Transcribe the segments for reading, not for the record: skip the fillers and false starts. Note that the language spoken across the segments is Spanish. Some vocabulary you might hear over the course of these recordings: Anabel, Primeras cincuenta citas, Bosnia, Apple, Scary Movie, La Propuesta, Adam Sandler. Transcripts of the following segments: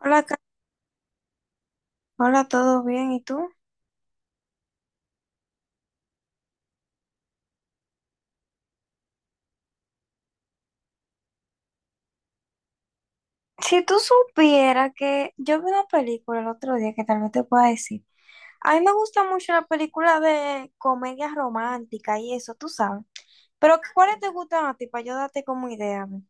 Hola, hola, ¿todo bien? ¿Y tú? Si tú supieras que yo vi una película el otro día que tal vez te pueda decir. A mí me gusta mucho la película de comedia romántica y eso, tú sabes. Pero ¿cuáles te gustan a ti para yo darte como idea, a ver?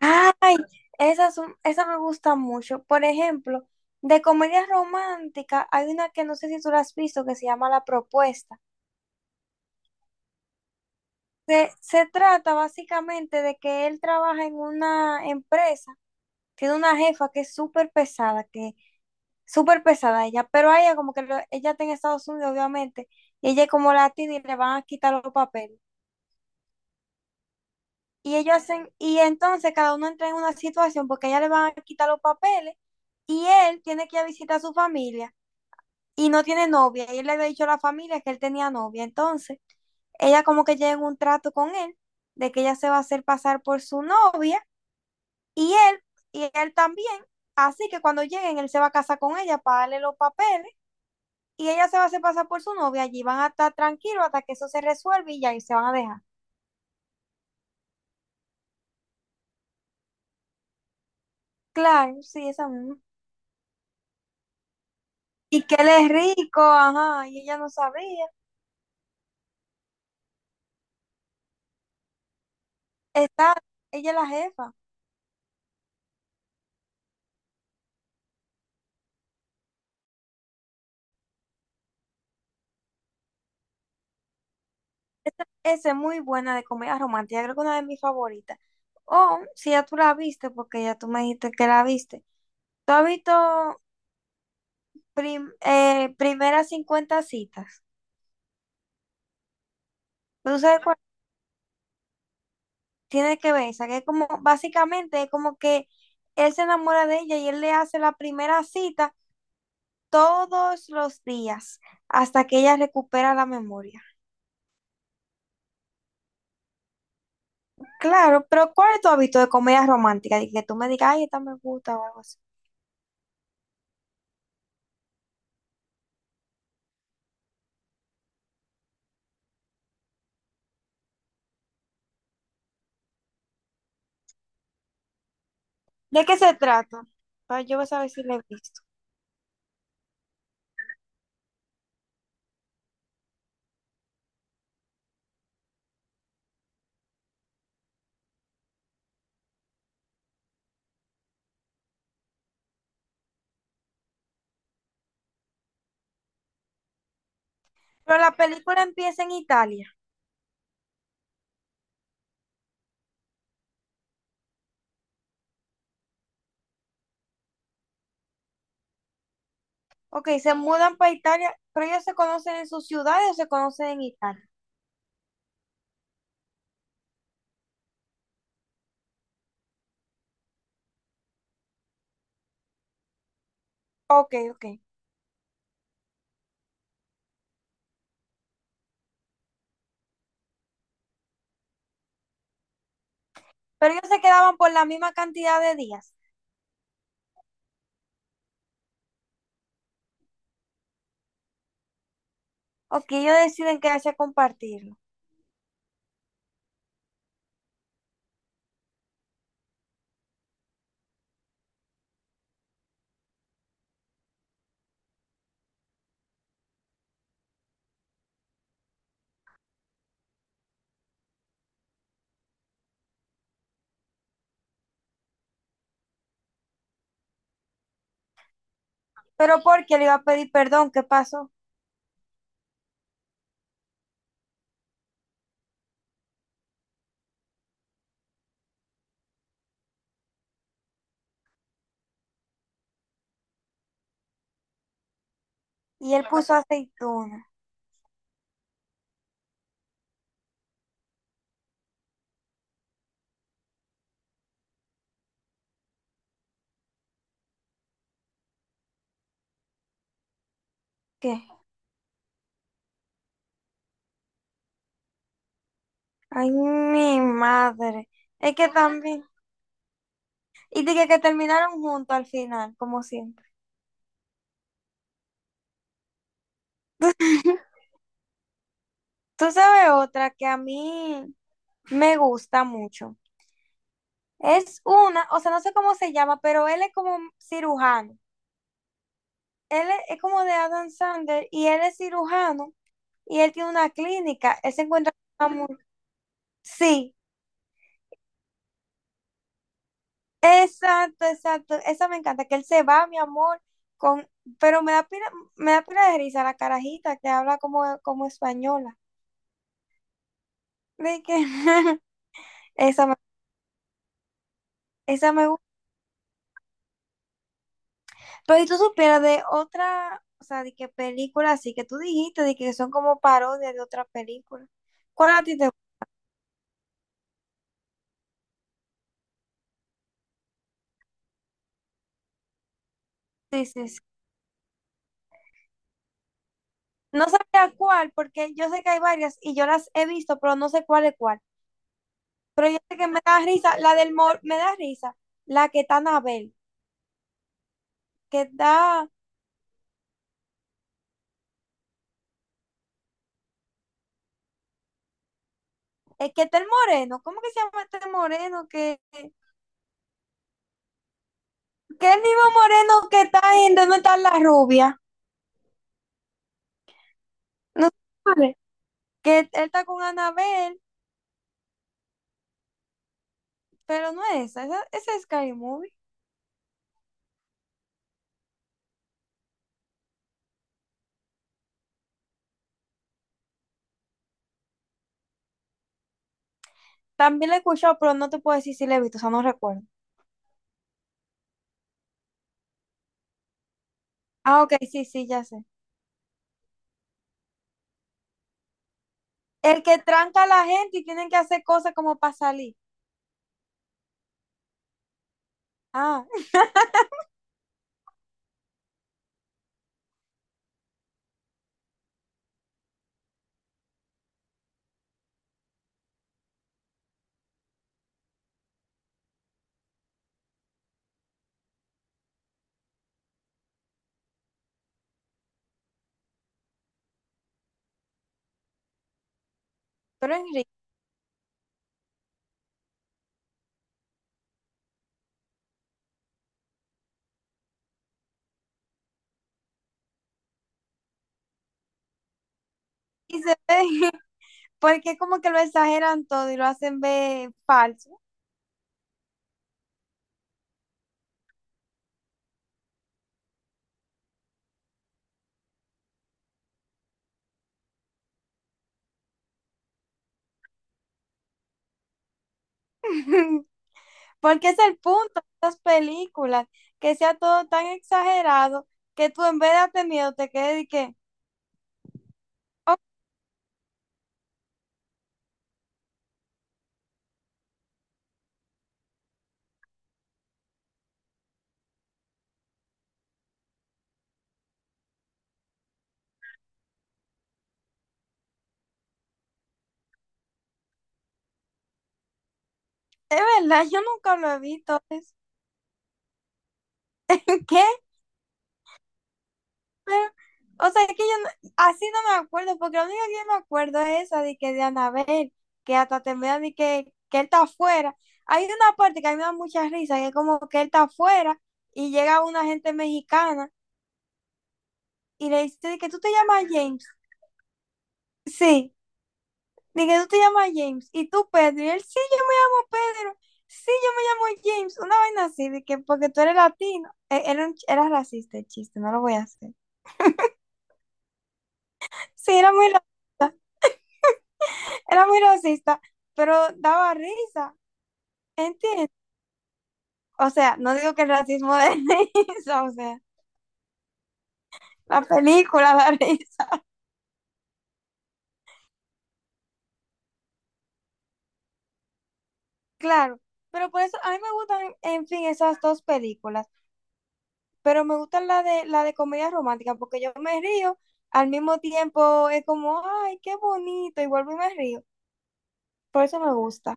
Ah, esas, esas me gustan mucho. Por ejemplo, de comedia romántica hay una que no sé si tú la has visto que se llama La Propuesta. Se trata básicamente de que él trabaja en una empresa. Tiene una jefa que es súper pesada, que súper pesada ella, pero a ella como que ella está en Estados Unidos, obviamente, y ella es como latina y le van a quitar los papeles. Y ellos hacen, y entonces cada uno entra en una situación porque a ella le van a quitar los papeles y él tiene que ir a visitar a su familia y no tiene novia. Y él le había dicho a la familia que él tenía novia. Entonces, ella como que llega en un trato con él de que ella se va a hacer pasar por su novia. Y él, y él también, así que cuando lleguen, él se va a casar con ella para darle los papeles y ella se va a hacer pasar por su novia. Allí van a estar tranquilos hasta que eso se resuelve y ya y se van a dejar. Claro, sí, esa misma. Y que él es rico, ajá, y ella no sabía. Está, ella es la jefa. Esa es muy buena de comedia romántica, creo que una de mis favoritas. O si ya tú la viste, porque ya tú me dijiste que la viste. ¿Tú has visto primeras 50 citas? ¿Tú sabes cuál? Tiene que ver, o sea que es como, básicamente es como que él se enamora de ella y él le hace la primera cita todos los días hasta que ella recupera la memoria. Claro, pero ¿cuál es tu hábito de comedia romántica? De que tú me digas, ay, esta me gusta o algo así. ¿De qué se trata? Para yo saber si la he visto. Pero la película empieza en Italia. Ok, se mudan para Italia, pero ellos se conocen en sus ciudades o se conocen en Italia. Ok, ok. Pero ellos se quedaban por la misma cantidad de días. Ok, ellos deciden quedarse a compartirlo. Pero porque le iba a pedir perdón, ¿qué pasó? Y él puso aceituna. ¿Qué? Ay, mi madre. Es que también. Y dije que terminaron juntos al final, como siempre. Tú sabes otra que a mí me gusta mucho. Es una, o sea, no sé cómo se llama, pero él es como cirujano. Él es como de Adam Sandler y él es cirujano y él tiene una clínica. Él se encuentra con una sí, exacto, exacto. Esa me encanta, que él se va, mi amor, con, pero me da pila de risa la carajita que habla como, como española. De que esa me, esa me gusta. Pero si tú supieras de otra, o sea, de qué película así que tú dijiste, de que son como parodias de otras películas. ¿Cuál a ti te gusta? Sí, sí, sí. No sabía cuál, porque yo sé que hay varias y yo las he visto, pero no sé cuál es cuál. Pero yo sé que me da risa, la del mor, me da risa, la que está Anabel, que da. Es que está el moreno. ¿Cómo que se llama este moreno? Que el mismo moreno que está en ¿Dónde está la rubia? No sé. Que él está con Anabel, pero no es esa. Esa es Scary Movie. También la he escuchado, pero no te puedo decir si la he visto, o sea, no recuerdo. Ah, ok, sí, sí, ya sé. El que tranca a la gente y tienen que hacer cosas como para salir. Ah, pero Enrique. Y se ve, porque como que lo exageran todo y lo hacen ver falso. Porque es el punto de estas películas, que sea todo tan exagerado que tú en vez de darte miedo te quedes y que, oh, es verdad, yo nunca lo he visto. ¿Qué? Pero, o sea, es que yo así no me acuerdo, porque lo único que yo me acuerdo es esa de que de Anabel, que hasta termina de que él está afuera. Hay una parte que a mí me da mucha risa, que es como que él está afuera y llega una gente mexicana y le dice de que tú te llamas James. Sí. De que tú te llamas James y tú Pedro. Y él, sí, yo me llamo Pedro. Sí, yo me llamo James. Una vaina así, de que porque tú eres latino. Era, era racista el chiste, no lo voy a hacer. Sí, era muy racista. Era muy racista, pero daba risa. ¿Entiendes? O sea, no digo que el racismo de risa, o sea, la película da risa. Claro, pero por eso a mí me gustan, en fin, esas dos películas. Pero me gusta la de comedia romántica porque yo me río, al mismo tiempo es como, ay, qué bonito, y vuelvo y me río. Por eso me gusta.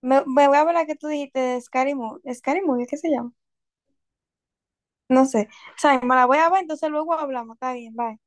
Me voy a ver la que tú dijiste de Scary Movie. Scary Movie, ¿qué se llama? No sé. O sea, me la voy a ver, entonces luego hablamos. Está bien, bye.